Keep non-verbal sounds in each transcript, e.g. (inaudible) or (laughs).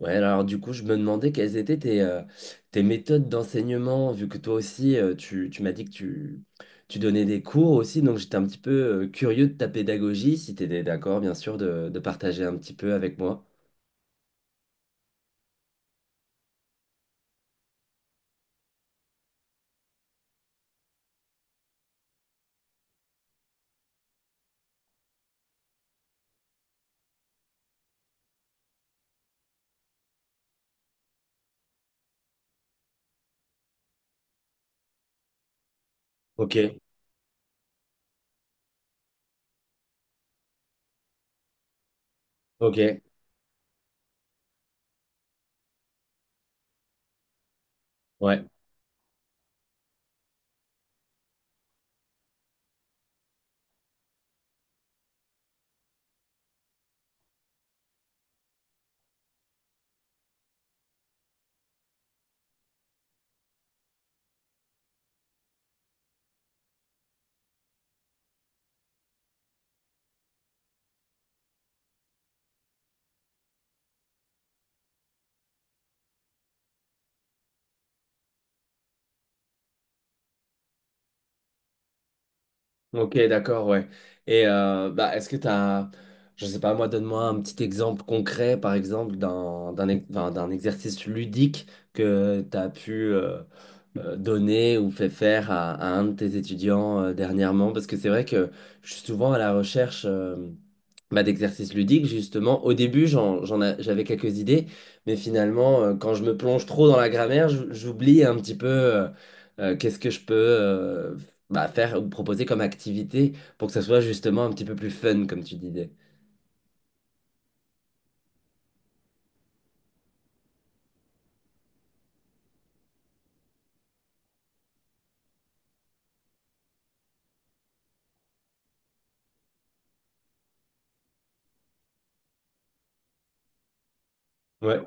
Ouais, alors du coup, je me demandais quelles étaient tes méthodes d'enseignement, vu que toi aussi, tu m'as dit que tu donnais des cours aussi, donc j'étais un petit peu curieux de ta pédagogie, si tu étais d'accord, bien sûr, de partager un petit peu avec moi. Ok, ok, ouais. Ok, d'accord, ouais. Bah, est-ce que tu as, je sais pas, moi, donne-moi un petit exemple concret, par exemple, d'un exercice ludique que tu as pu donner ou fait faire à un de tes étudiants dernièrement, parce que c'est vrai que je suis souvent à la recherche bah, d'exercices ludiques, justement. Au début, j'avais quelques idées, mais finalement, quand je me plonge trop dans la grammaire, j'oublie un petit peu qu'est-ce que je peux bah, faire ou proposer comme activité pour que ça soit justement un petit peu plus fun, comme tu disais. Ouais,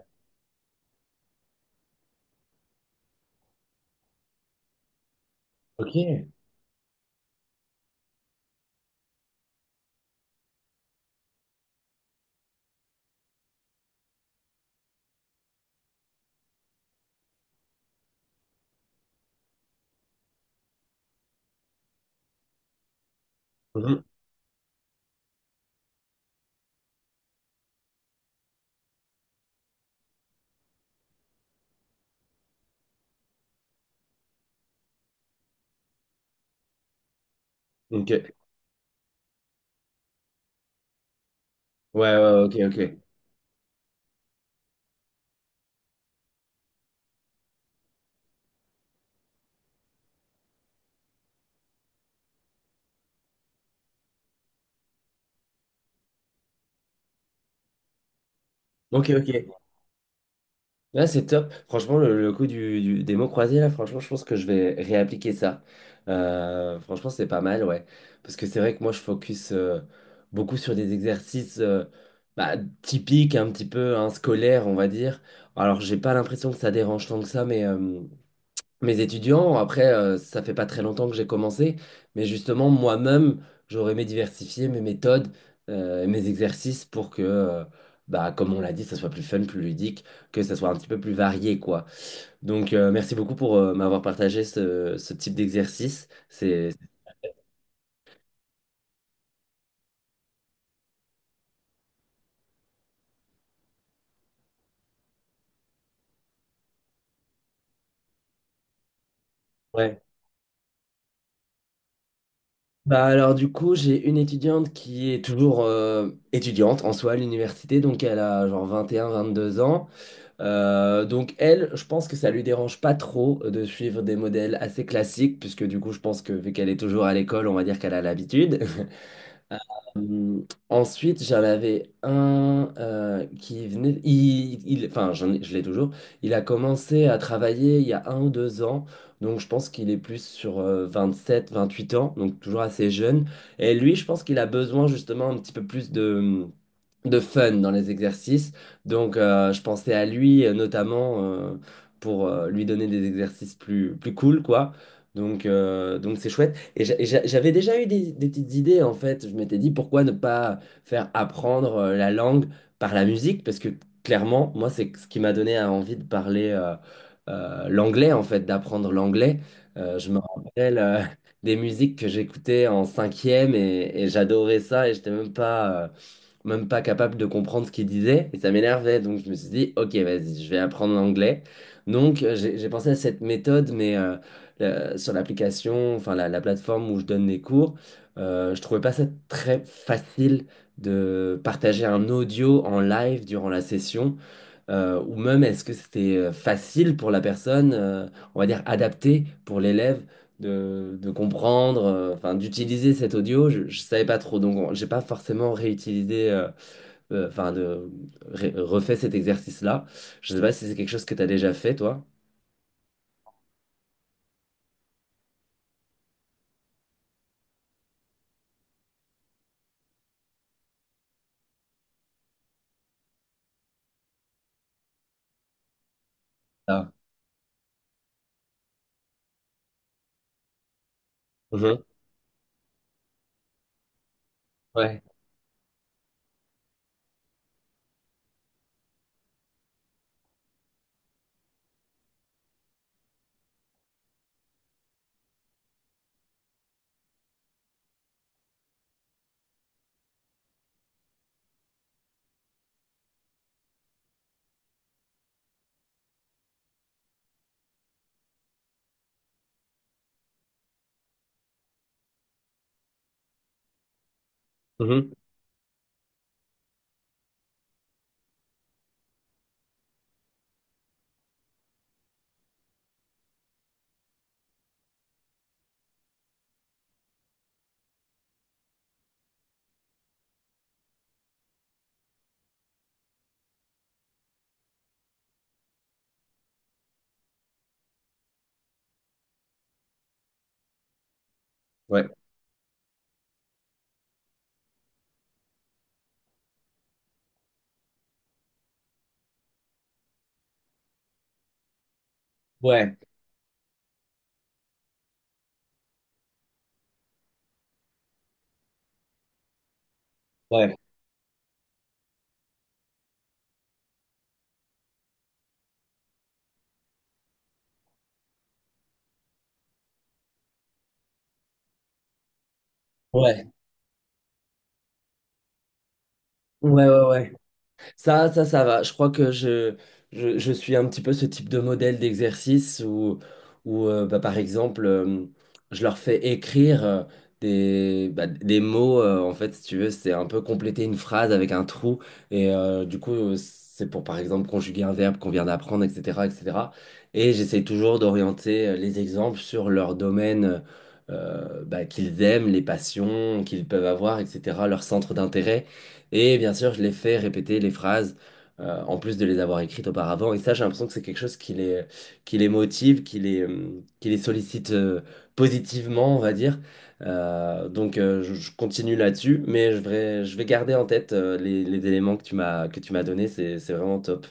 ok. Mhm. Ok. Ouais, ouais, ouais, ok, ok. Ok, ok. Là, c'est top. Franchement, le coup des mots croisés, là, franchement, je pense que je vais réappliquer ça. Franchement, c'est pas mal, ouais. Parce que c'est vrai que moi, je focus beaucoup sur des exercices bah, typiques, un petit peu hein, scolaires, on va dire. Alors, j'ai pas l'impression que ça dérange tant que ça, mais mes étudiants. Après, ça fait pas très longtemps que j'ai commencé, mais justement, moi-même, j'aurais aimé diversifier mes méthodes, et mes exercices pour que, bah, comme on l'a dit, ça soit plus fun, plus ludique, que ça soit un petit peu plus varié, quoi. Donc, merci beaucoup pour m'avoir partagé ce type d'exercice. Ouais. Bah alors du coup, j'ai une étudiante qui est toujours étudiante en soi à l'université, donc elle a genre 21, 22 ans. Donc elle, je pense que ça lui dérange pas trop de suivre des modèles assez classiques, puisque du coup je pense que vu qu'elle est toujours à l'école, on va dire qu'elle a l'habitude. (laughs) Euh, Ensuite, j'en avais un qui venait, je l'ai toujours, il a commencé à travailler il y a 1 ou 2 ans, donc je pense qu'il est plus sur 27, 28 ans, donc toujours assez jeune. Et lui, je pense qu'il a besoin justement un petit peu plus de fun dans les exercices. Donc, je pensais à lui notamment pour lui donner des exercices plus cool, quoi. Donc c'est chouette. Et j'avais déjà eu des petites idées, en fait. Je m'étais dit, pourquoi ne pas faire apprendre la langue par la musique? Parce que clairement, moi, c'est ce qui m'a donné envie de parler l'anglais, en fait, d'apprendre l'anglais. Je me rappelle (laughs) des musiques que j'écoutais en cinquième et j'adorais ça et j'étais même pas capable de comprendre ce qu'il disait et ça m'énervait. Donc je me suis dit, ok, vas-y, je vais apprendre l'anglais. Donc j'ai pensé à cette méthode, mais sur l'application, enfin la plateforme où je donne les cours, je trouvais pas ça très facile de partager un audio en live durant la session, ou même est-ce que c'était facile pour la personne, on va dire adapté pour l'élève. De comprendre, enfin d'utiliser cet audio, je savais pas trop, donc j'ai pas forcément réutilisé enfin, refais cet exercice-là. Je sais pas si c'est quelque chose que tu as déjà fait, toi. Ah. Mhm. Ouais. Mhm. Ouais. Ouais. Ouais. Ouais. Ouais. Ouais. Ouais. Ça va. Je crois que je suis un petit peu ce type de modèle d'exercice où bah, par exemple, je leur fais écrire bah, des mots. En fait, si tu veux, c'est un peu compléter une phrase avec un trou. Et du coup, c'est pour, par exemple, conjuguer un verbe qu'on vient d'apprendre, etc., etc. Et cetera. Et j'essaie toujours d'orienter les exemples sur leur domaine bah, qu'ils aiment, les passions qu'ils peuvent avoir, etc., leur centre d'intérêt. Et bien sûr, je les fais répéter les phrases, en plus de les avoir écrites auparavant. Et ça, j'ai l'impression que c'est quelque chose qui les motive, qui les sollicite positivement, on va dire. Donc, je continue là-dessus, mais je vais garder en tête les éléments que tu m'as donnés. C'est vraiment top.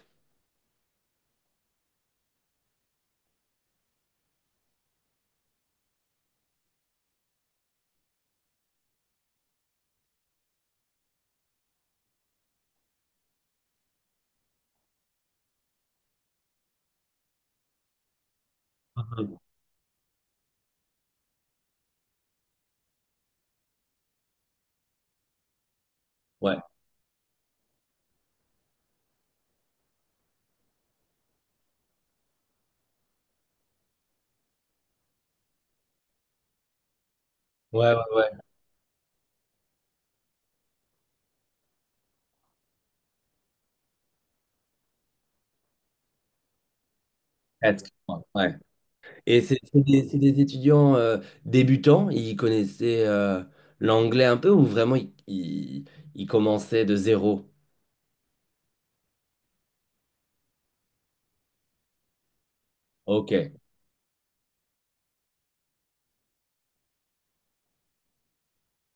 Mhm. Ouais, ouais, ouais, ouais. Presque. Ouais. Et c'est des étudiants débutants, ils connaissaient l'anglais un peu ou vraiment ils commençaient de zéro? Ok,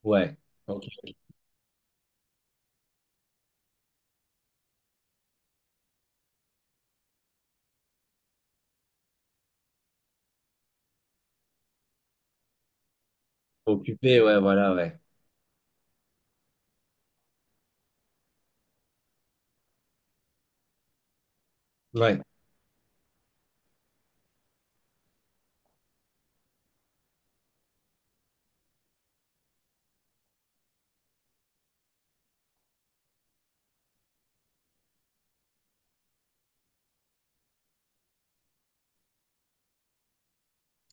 ouais. Ok. Occupé, ouais, voilà, ouais. Ouais.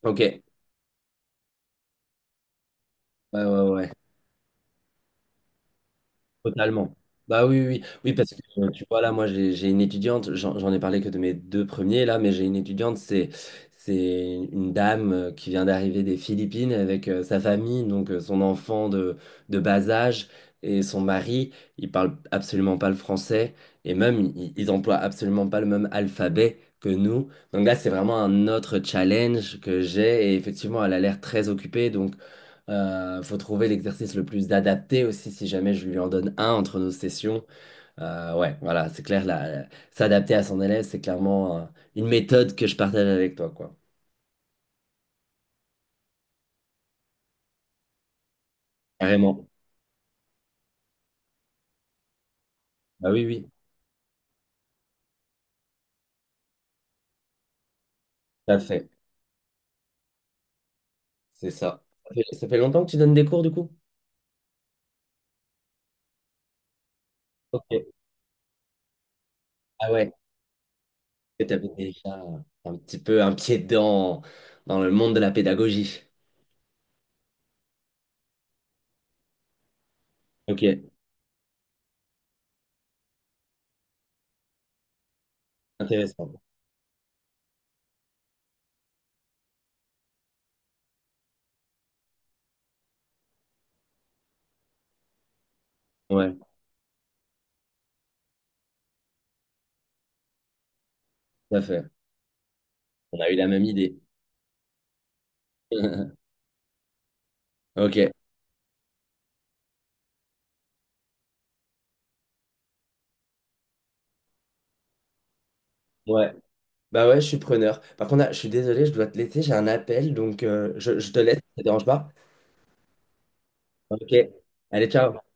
Ok. Ouais, ouais, ouais. Totalement. Bah oui, oui, oui, oui, parce que tu vois, là, moi, j'ai une étudiante, j'en ai parlé que de mes deux premiers, là, mais j'ai une étudiante, c'est une dame qui vient d'arriver des Philippines avec sa famille, donc son enfant de bas âge et son mari, ils parlent absolument pas le français et même, ils emploient absolument pas le même alphabet que nous. Donc là, c'est vraiment un autre challenge que j'ai et effectivement, elle a l'air très occupée, donc. Faut trouver l'exercice le plus adapté aussi si jamais je lui en donne un entre nos sessions. Ouais, voilà, c'est clair, là, s'adapter à son élève, c'est clairement une méthode que je partage avec toi, quoi. Carrément. Bah oui, oui, tout à fait. C'est ça. Ça fait longtemps que tu donnes des cours, du coup? Ok. Ah ouais, tu avais déjà un petit peu un pied dedans dans le monde de la pédagogie. Ok, intéressant. Ouais, tout à fait. On a eu la même idée. (laughs) Ok. Ouais. Bah ouais, je suis preneur. Par contre, là, je suis désolé, je dois te laisser, j'ai un appel, donc je te laisse, ça te dérange pas? Ok. Allez, ciao.